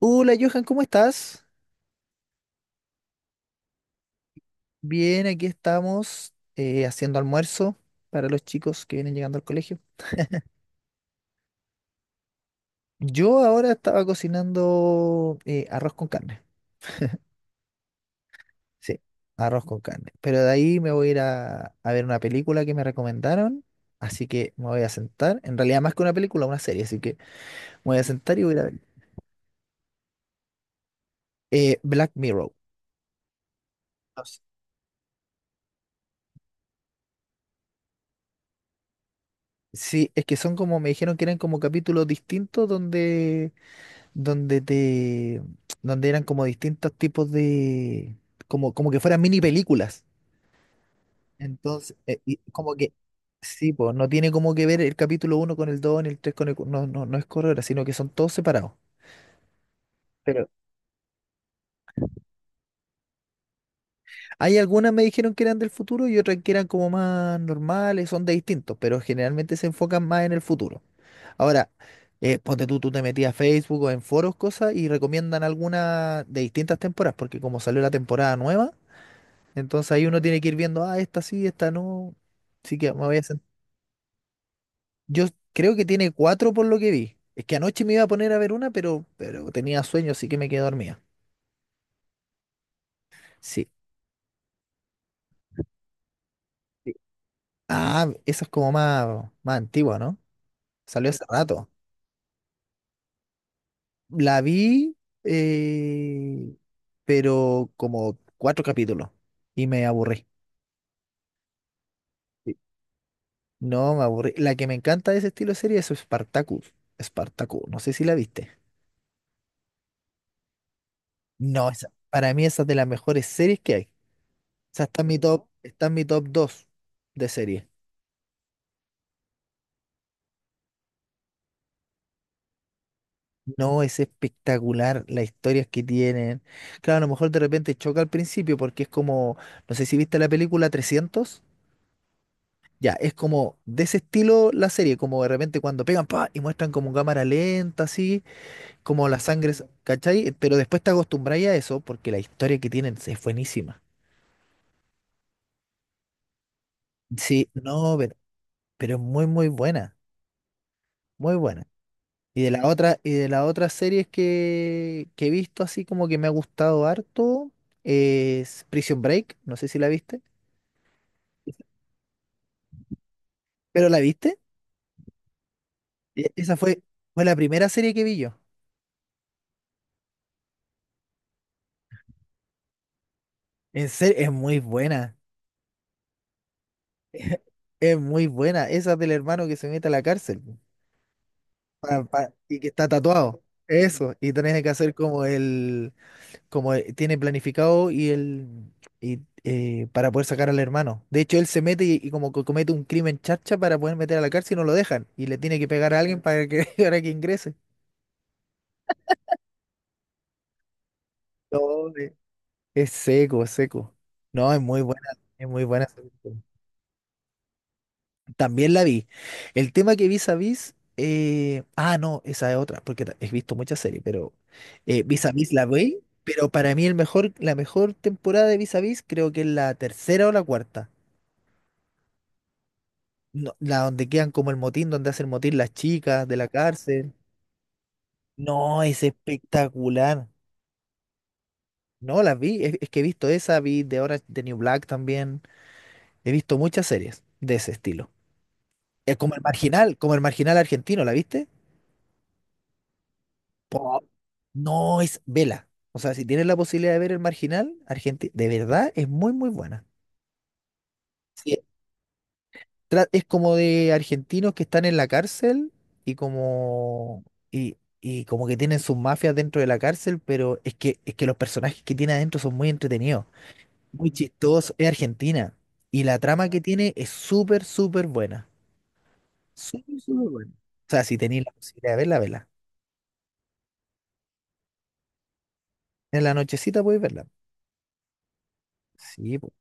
Hola Johan, ¿cómo estás? Bien, aquí estamos haciendo almuerzo para los chicos que vienen llegando al colegio. Yo ahora estaba cocinando arroz con carne. Sí, arroz con carne. Pero de ahí me voy a ir a ver una película que me recomendaron, así que me voy a sentar. En realidad más que una película, una serie, así que me voy a sentar y voy a ir a ver. Black Mirror. No sé. Sí, es que son como, me dijeron que eran como capítulos distintos donde te, donde eran como distintos tipos de, como que fueran mini películas. Entonces, y como que, sí, pues, no tiene como que ver el capítulo uno con el 2 ni el 3 con el, no, no, no es corredora, sino que son todos separados. Pero hay algunas me dijeron que eran del futuro y otras que eran como más normales, son de distintos, pero generalmente se enfocan más en el futuro. Ahora, ponte tú te metías a Facebook o en foros, cosas, y recomiendan alguna de distintas temporadas, porque como salió la temporada nueva, entonces ahí uno tiene que ir viendo, ah, esta sí, esta no. Así que me voy a sentar. Yo creo que tiene cuatro por lo que vi. Es que anoche me iba a poner a ver una, pero tenía sueño, así que me quedé dormida. Sí. Sí. Ah, esa es como más, más antigua, ¿no? Salió hace rato. La vi, eh, pero como cuatro capítulos y me aburrí. Sí. No, me aburrí. La que me encanta de ese estilo de serie es Spartacus. Spartacus, no sé si la viste. No, esa, para mí esa es de las mejores series que hay. O sea, está en mi top, está en mi top 2 de serie. No, es espectacular las historias que tienen. Claro, a lo mejor de repente choca al principio porque es como, no sé si viste la película trescientos. Ya, es como de ese estilo la serie, como de repente cuando pegan pa y muestran como cámara lenta, así, como la sangre, ¿cachai? Pero después te acostumbráis a eso porque la historia que tienen es buenísima. Sí, no, pero es muy, muy buena, muy buena. Y de la otra, y de las otras series que he visto así como que me ha gustado harto es Prison Break, no sé si la viste, pero la viste. Esa fue la primera serie que vi yo. En serio, es muy buena. Es muy buena. Esa del hermano que se mete a la cárcel po, y que está tatuado. Eso. Y tenés que hacer como el, como tiene planificado y él y, para poder sacar al hermano. De hecho, él se mete y como que comete un crimen charcha para poder meter a la cárcel y no lo dejan. Y le tiene que pegar a alguien para que, para que ingrese. No, es seco, es seco. No, es muy buena, es muy buena, esa película. También la vi. El tema que Vis a Vis, no, esa es otra, porque he visto muchas series, pero Vis a Vis la vi, pero para mí el mejor, la mejor temporada de Vis a Vis creo que es la tercera o la cuarta. No, la donde quedan como el motín, donde hacen motín las chicas de la cárcel. No, es espectacular. No, las vi, es que he visto esa, vi de Orange de New Black también. He visto muchas series de ese estilo. Es como el marginal argentino, ¿la viste? Po, no, es vela. O sea, si tienes la posibilidad de ver el marginal, Argentina, de verdad es muy, muy buena. Sí, es como de argentinos que están en la cárcel y como y como que tienen sus mafias dentro de la cárcel, pero es que los personajes que tiene adentro son muy entretenidos, muy chistosos, es Argentina y la trama que tiene es súper súper buena. Súper súper buena. O sea, si tenéis la posibilidad de verla, verla. En la nochecita podéis verla. Sí, po.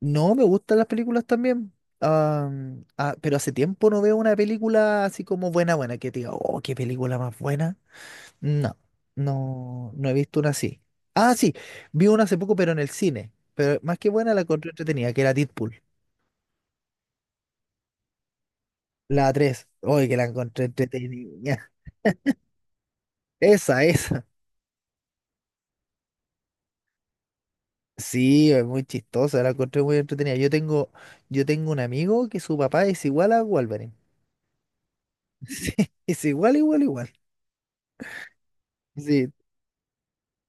No, me gustan las películas también. Ah, ah, pero hace tiempo no veo una película así como buena, buena, que te diga, oh, qué película más buena. No, no, no he visto una así. Ah, sí, vi una hace poco, pero en el cine. Pero más que buena la encontré entretenida, que era Deadpool. La 3. Oye, que la encontré entretenida. Esa, esa. Sí, es muy chistosa, la encontré muy entretenida. Yo tengo un amigo que su papá es igual a Wolverine. Es igual, igual, igual. Sí,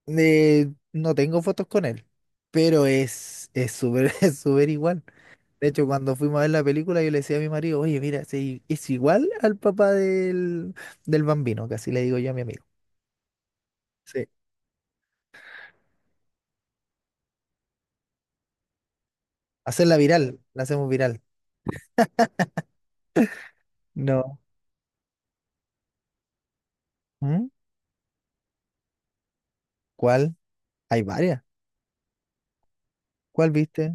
no tengo fotos con él, pero es súper, es súper igual. De hecho, cuando fuimos a ver la película, yo le decía a mi marido, oye, mira, sí, es igual al papá del Bambino, casi le digo yo a mi amigo. Sí. Hacerla viral, la hacemos viral. No. ¿Mm? ¿Cuál? Hay varias. ¿Cuál viste?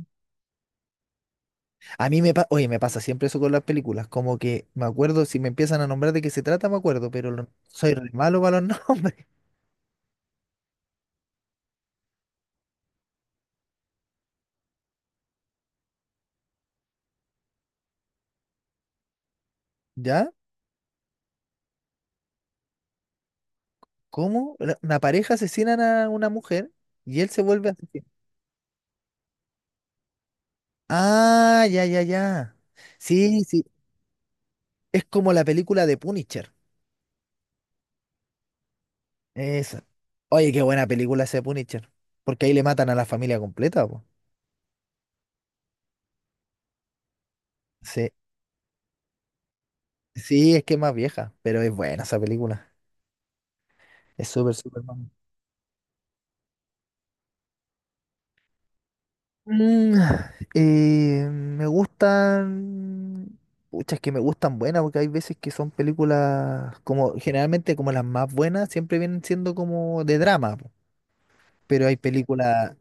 A mí me pasa, oye, me pasa siempre eso con las películas, como que me acuerdo, si me empiezan a nombrar de qué se trata, me acuerdo, pero soy re malo para los nombres. ¿Ya? ¿Cómo? Una pareja asesinan a una mujer y él se vuelve asesino. Ah, ya, ya, ya. Sí, sí, es como la película de Punisher. Esa. Oye, qué buena película ese Punisher. Porque ahí le matan a la familia completa, po. Sí. Sí, es que es más vieja, pero es buena esa película. Es súper, súper buena. Mm, me gustan. Pucha, es que me gustan buenas, porque hay veces que son películas como, generalmente como las más buenas, siempre vienen siendo como de drama, po. Pero hay películas,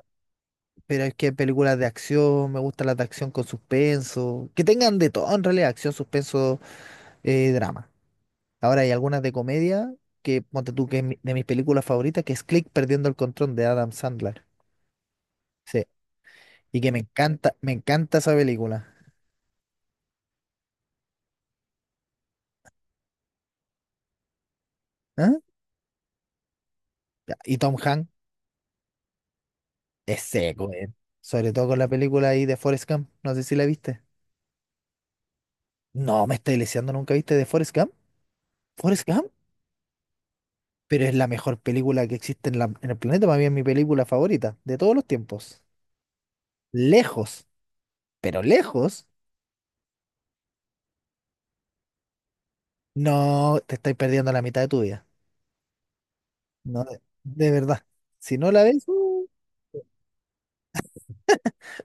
pero es que hay películas de acción, me gustan las de acción con suspenso, que tengan de todo en realidad, acción, suspenso, drama. Ahora hay algunas de comedia que, ponte tú, que es de mis películas favoritas, que es Click perdiendo el control de Adam Sandler. Sí. Y que me encanta esa película. ¿Ah? Ya, y Tom Hanks es seco. Sobre todo con la película ahí de Forrest Gump. No sé si la viste. No, me estoy leseando, ¿nunca viste de Forrest Gump? ¿Forrest Gump? Pero es la mejor película que existe en el planeta. Para mí es mi película favorita de todos los tiempos. Lejos, pero lejos. No, te estáis perdiendo la mitad de tu vida. No, de verdad. Si no la ves.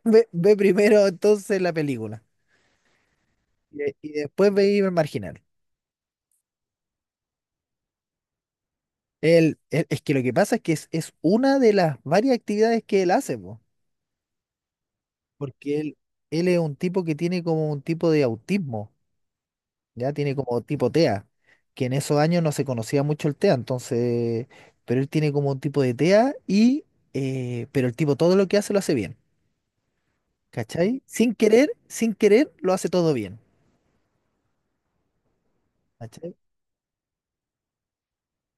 Ve, ve primero entonces la película y después ve el marginal. Él es que lo que pasa es que es una de las varias actividades que él hace, po, porque él es un tipo que tiene como un tipo de autismo, ya tiene como tipo TEA, que en esos años no se conocía mucho el TEA, entonces, pero él tiene como un tipo de TEA y, pero el tipo todo lo que hace lo hace bien, ¿cachai? Sin querer, sin querer lo hace todo bien.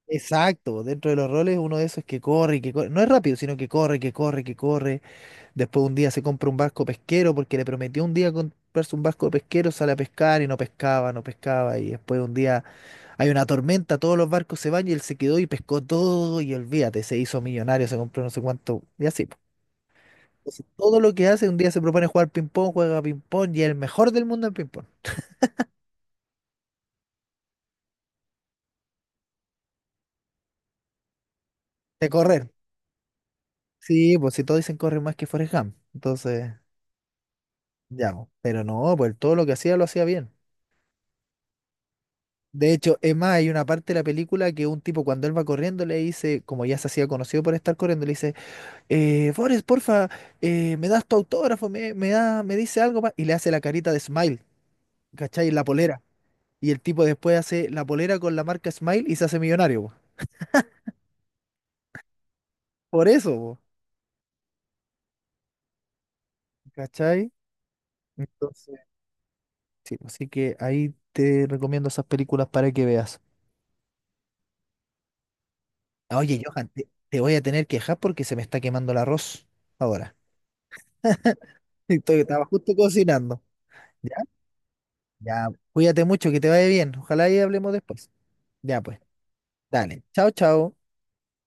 Exacto, dentro de los roles uno de esos es que corre y que corre, no es rápido, sino que corre, que corre, que corre. Después un día se compra un barco pesquero porque le prometió un día comprarse un barco pesquero, sale a pescar y no pescaba, no pescaba. Y después un día hay una tormenta, todos los barcos se van y él se quedó y pescó todo y olvídate, se hizo millonario, se compró no sé cuánto y así, po. Entonces, todo lo que hace, un día se propone jugar ping-pong, juega ping-pong y es el mejor del mundo en ping-pong. De correr. Sí, pues si todos dicen corre más que Forrest Gump, entonces... Ya, po, pero no, pues todo lo que hacía lo hacía bien. De hecho, es más, hay una parte de la película que un tipo cuando él va corriendo le dice, como ya se hacía conocido por estar corriendo, le dice, Forrest, porfa, me das tu autógrafo, me da, me dice algo más, y le hace la carita de Smile, ¿cachai? La polera. Y el tipo después hace la polera con la marca Smile y se hace millonario, po. Por eso, po, ¿cachai? Entonces, sí, así que ahí te recomiendo esas películas para que veas. Oye, Johan, te voy a tener que dejar porque se me está quemando el arroz ahora. Y estaba justo cocinando. ¿Ya? Ya, cuídate mucho, que te vaya bien. Ojalá y hablemos después. Ya pues, dale. Chao, chao.